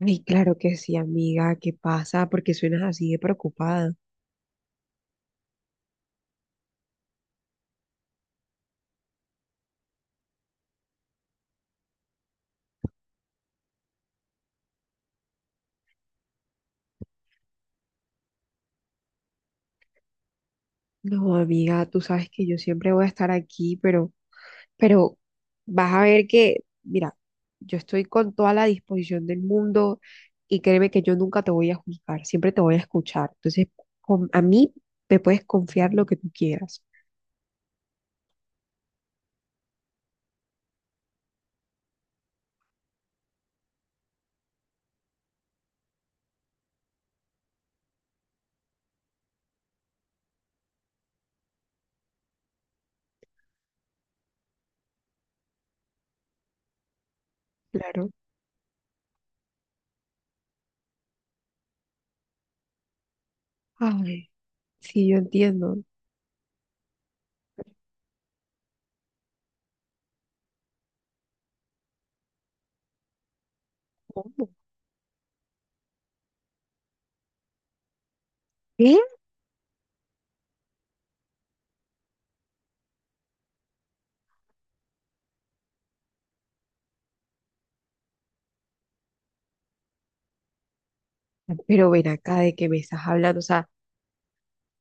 Ay, claro que sí, amiga, ¿qué pasa? Porque suenas así de preocupada. No, amiga, tú sabes que yo siempre voy a estar aquí, pero vas a ver que, mira, yo estoy con toda la disposición del mundo y créeme que yo nunca te voy a juzgar, siempre te voy a escuchar. Entonces, a mí me puedes confiar lo que tú quieras. Claro. Ay, sí, yo entiendo. Pero ¿cómo? ¿Qué? Pero ven acá, de qué me estás hablando. O sea,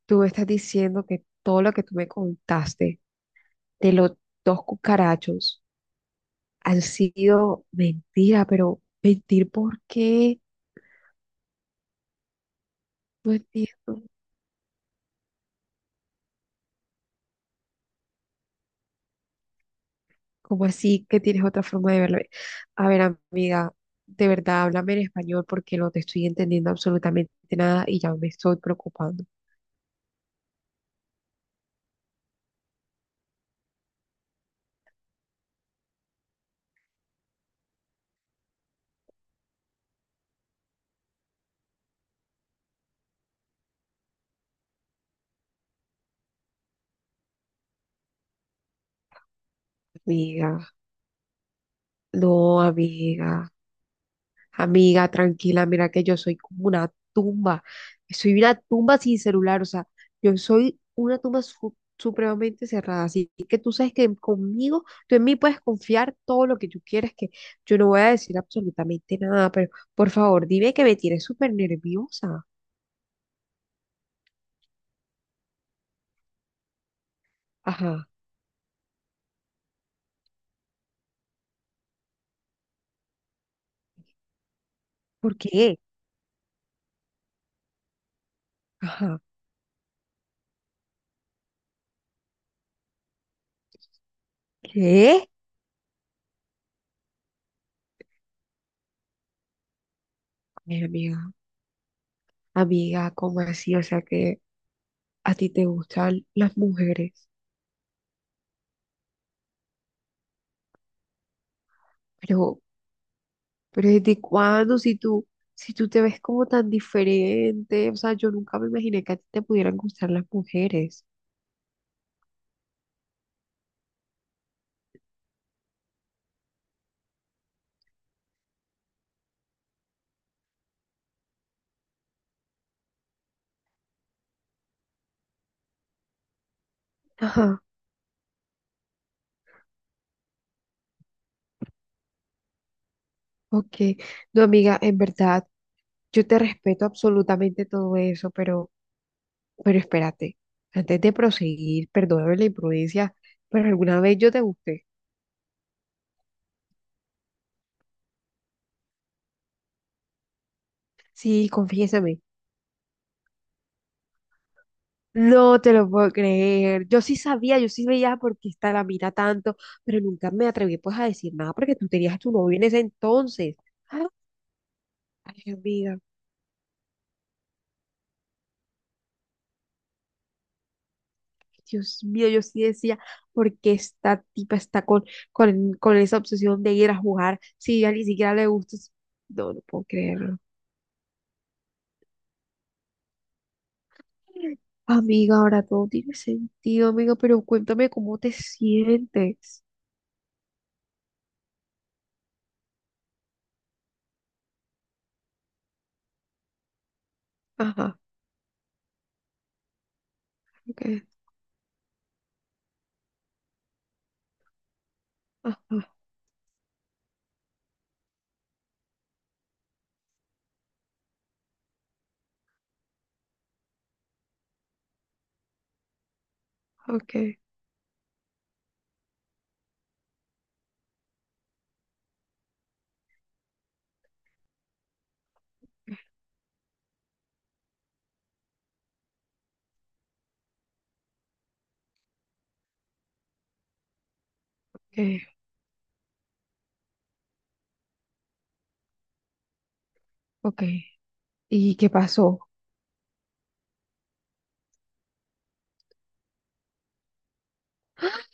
tú me estás diciendo que todo lo que tú me contaste de los dos cucarachos han sido mentira, pero mentir, ¿por qué? No entiendo. ¿Cómo así que tienes otra forma de verlo? A ver, amiga, de verdad, háblame en español porque no te estoy entendiendo absolutamente nada y ya me estoy preocupando. Amiga, no, amiga. Amiga, tranquila, mira que yo soy como una tumba. Soy una tumba sin celular, o sea, yo soy una tumba supremamente cerrada. Así que tú sabes que conmigo, tú en mí puedes confiar todo lo que tú quieras, que yo no voy a decir absolutamente nada, pero por favor, dime, que me tienes súper nerviosa. Ajá, ¿por qué? Ajá, ¿qué? Ay, amiga, amiga, ¿cómo así? O sea, que a ti te gustan las mujeres. Pero, Pero ¿desde cuándo? Si tú, si tú te ves como tan diferente, o sea, yo nunca me imaginé que a ti te pudieran gustar las mujeres. Ajá, ok. No, amiga, en verdad, yo te respeto absolutamente todo eso, pero espérate, antes de proseguir, perdóname la imprudencia, pero alguna vez yo te gusté. Sí, confiésame. No te lo puedo creer. Yo sí sabía, yo sí veía por qué esta la mira tanto, pero nunca me atreví pues a decir nada porque tú tenías a tu novio en ese entonces. Ay, amiga, Dios mío, yo sí decía, porque esta tipa está con esa obsesión de ir a jugar. Si ya ni siquiera le gusta. No, no puedo creerlo. Amiga, ahora todo tiene sentido, amiga, pero cuéntame cómo te sientes. Ajá, ok, ajá, ok, ok, ok. ¿Y qué pasó?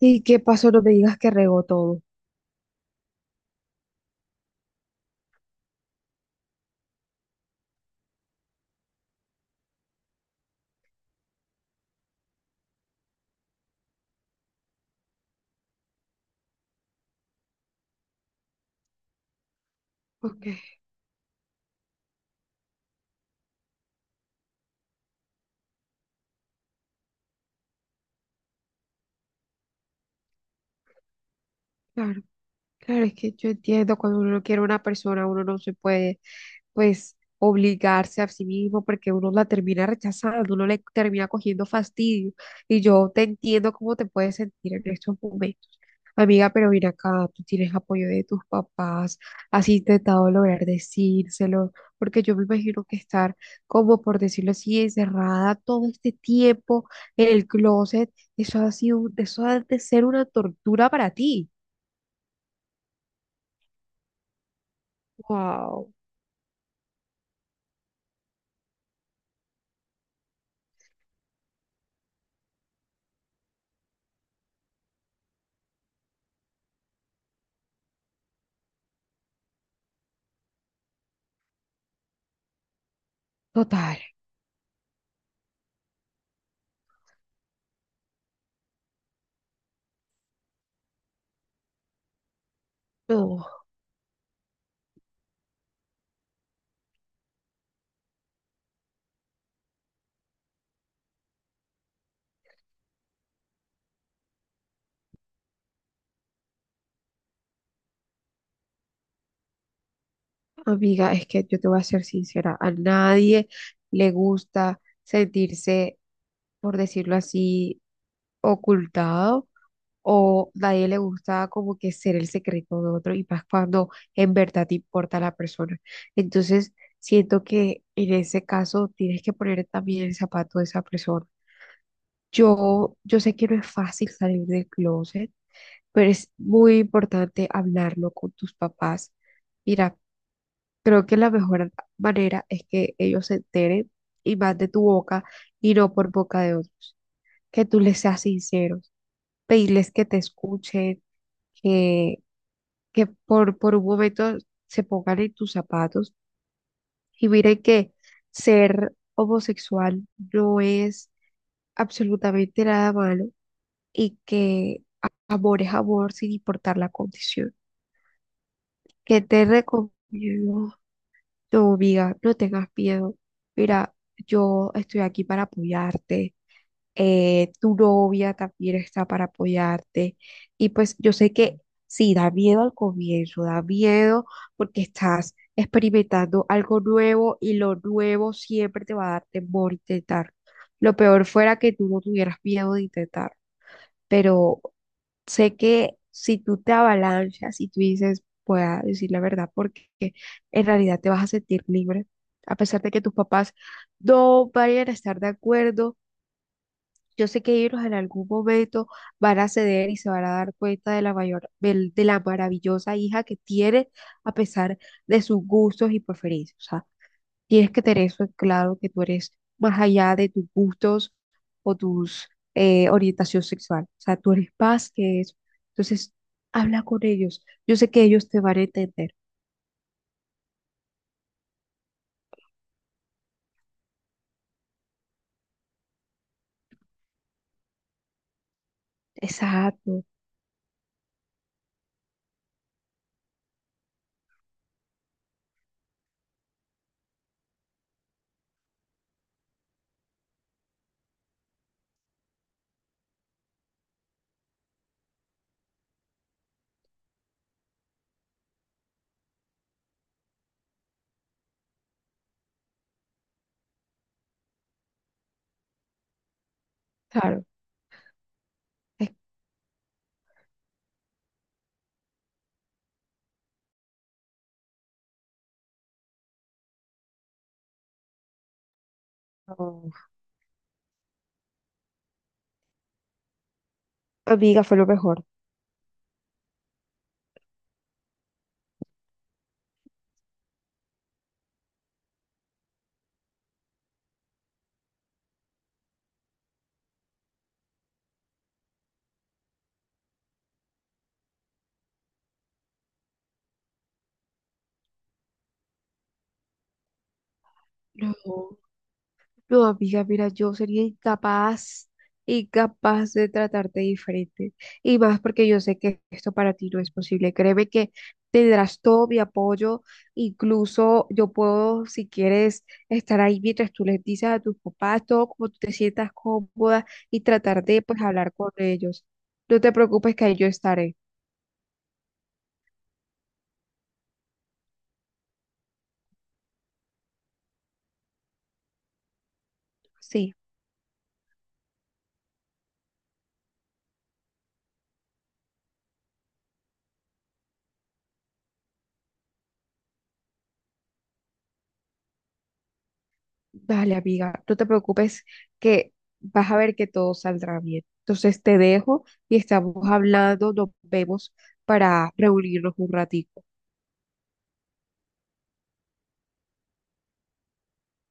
¿Y qué pasó? No me digas que regó todo. Ok, claro. Claro, es que yo entiendo, cuando uno no quiere a una persona, uno no se puede, pues, obligarse a sí mismo porque uno la termina rechazando, uno le termina cogiendo fastidio. Y yo te entiendo cómo te puedes sentir en estos momentos. Amiga, pero ven acá, tú tienes apoyo de tus papás, has intentado lograr decírselo, porque yo me imagino que estar, como por decirlo así, encerrada todo este tiempo en el closet, eso ha sido, eso ha de ser una tortura para ti. Wow. Total, no, amiga, es que yo te voy a ser sincera, a nadie le gusta sentirse, por decirlo así, ocultado, o nadie le gusta como que ser el secreto de otro y más cuando en verdad te importa la persona. Entonces, siento que en ese caso tienes que poner también el zapato de esa persona. Yo sé que no es fácil salir del closet, pero es muy importante hablarlo con tus papás. Mira. Creo que la mejor manera es que ellos se enteren y más de tu boca y no por boca de otros. Que tú les seas sincero, pedirles que te escuchen, que, que por un momento se pongan en tus zapatos y miren que ser homosexual no es absolutamente nada malo y que amor es amor sin importar la condición. Que te recomiendo. No, amiga, no tengas miedo. Mira, yo estoy aquí para apoyarte. Tu novia también está para apoyarte. Y pues yo sé que sí, da miedo al comienzo, da miedo porque estás experimentando algo nuevo y lo nuevo siempre te va a dar temor intentar. Lo peor fuera que tú no tuvieras miedo de intentar, pero sé que si tú te avalanchas y tú dices, voy a decir la verdad, porque en realidad te vas a sentir libre, a pesar de que tus papás no vayan a estar de acuerdo, yo sé que ellos en algún momento van a ceder y se van a dar cuenta de la mayor, la maravillosa hija que tiene a pesar de sus gustos y preferencias. Tienes que tener eso en claro, que tú eres más allá de tus gustos o tus orientación sexual. O sea, tú eres más que eso. Entonces, habla con ellos. Yo sé que ellos te van a entender. Exacto, claro. Es- no, amiga, fue lo mejor. No. No, amiga, mira, yo sería incapaz, incapaz de tratarte diferente. Y más porque yo sé que esto para ti no es posible. Créeme que tendrás todo mi apoyo. Incluso yo puedo, si quieres, estar ahí mientras tú les dices a tus papás todo como tú te sientas cómoda y tratar de, pues, hablar con ellos. No te preocupes que ahí yo estaré. Sí. Vale, amiga, no te preocupes que vas a ver que todo saldrá bien. Entonces te dejo y estamos hablando, nos vemos para reunirnos un ratito.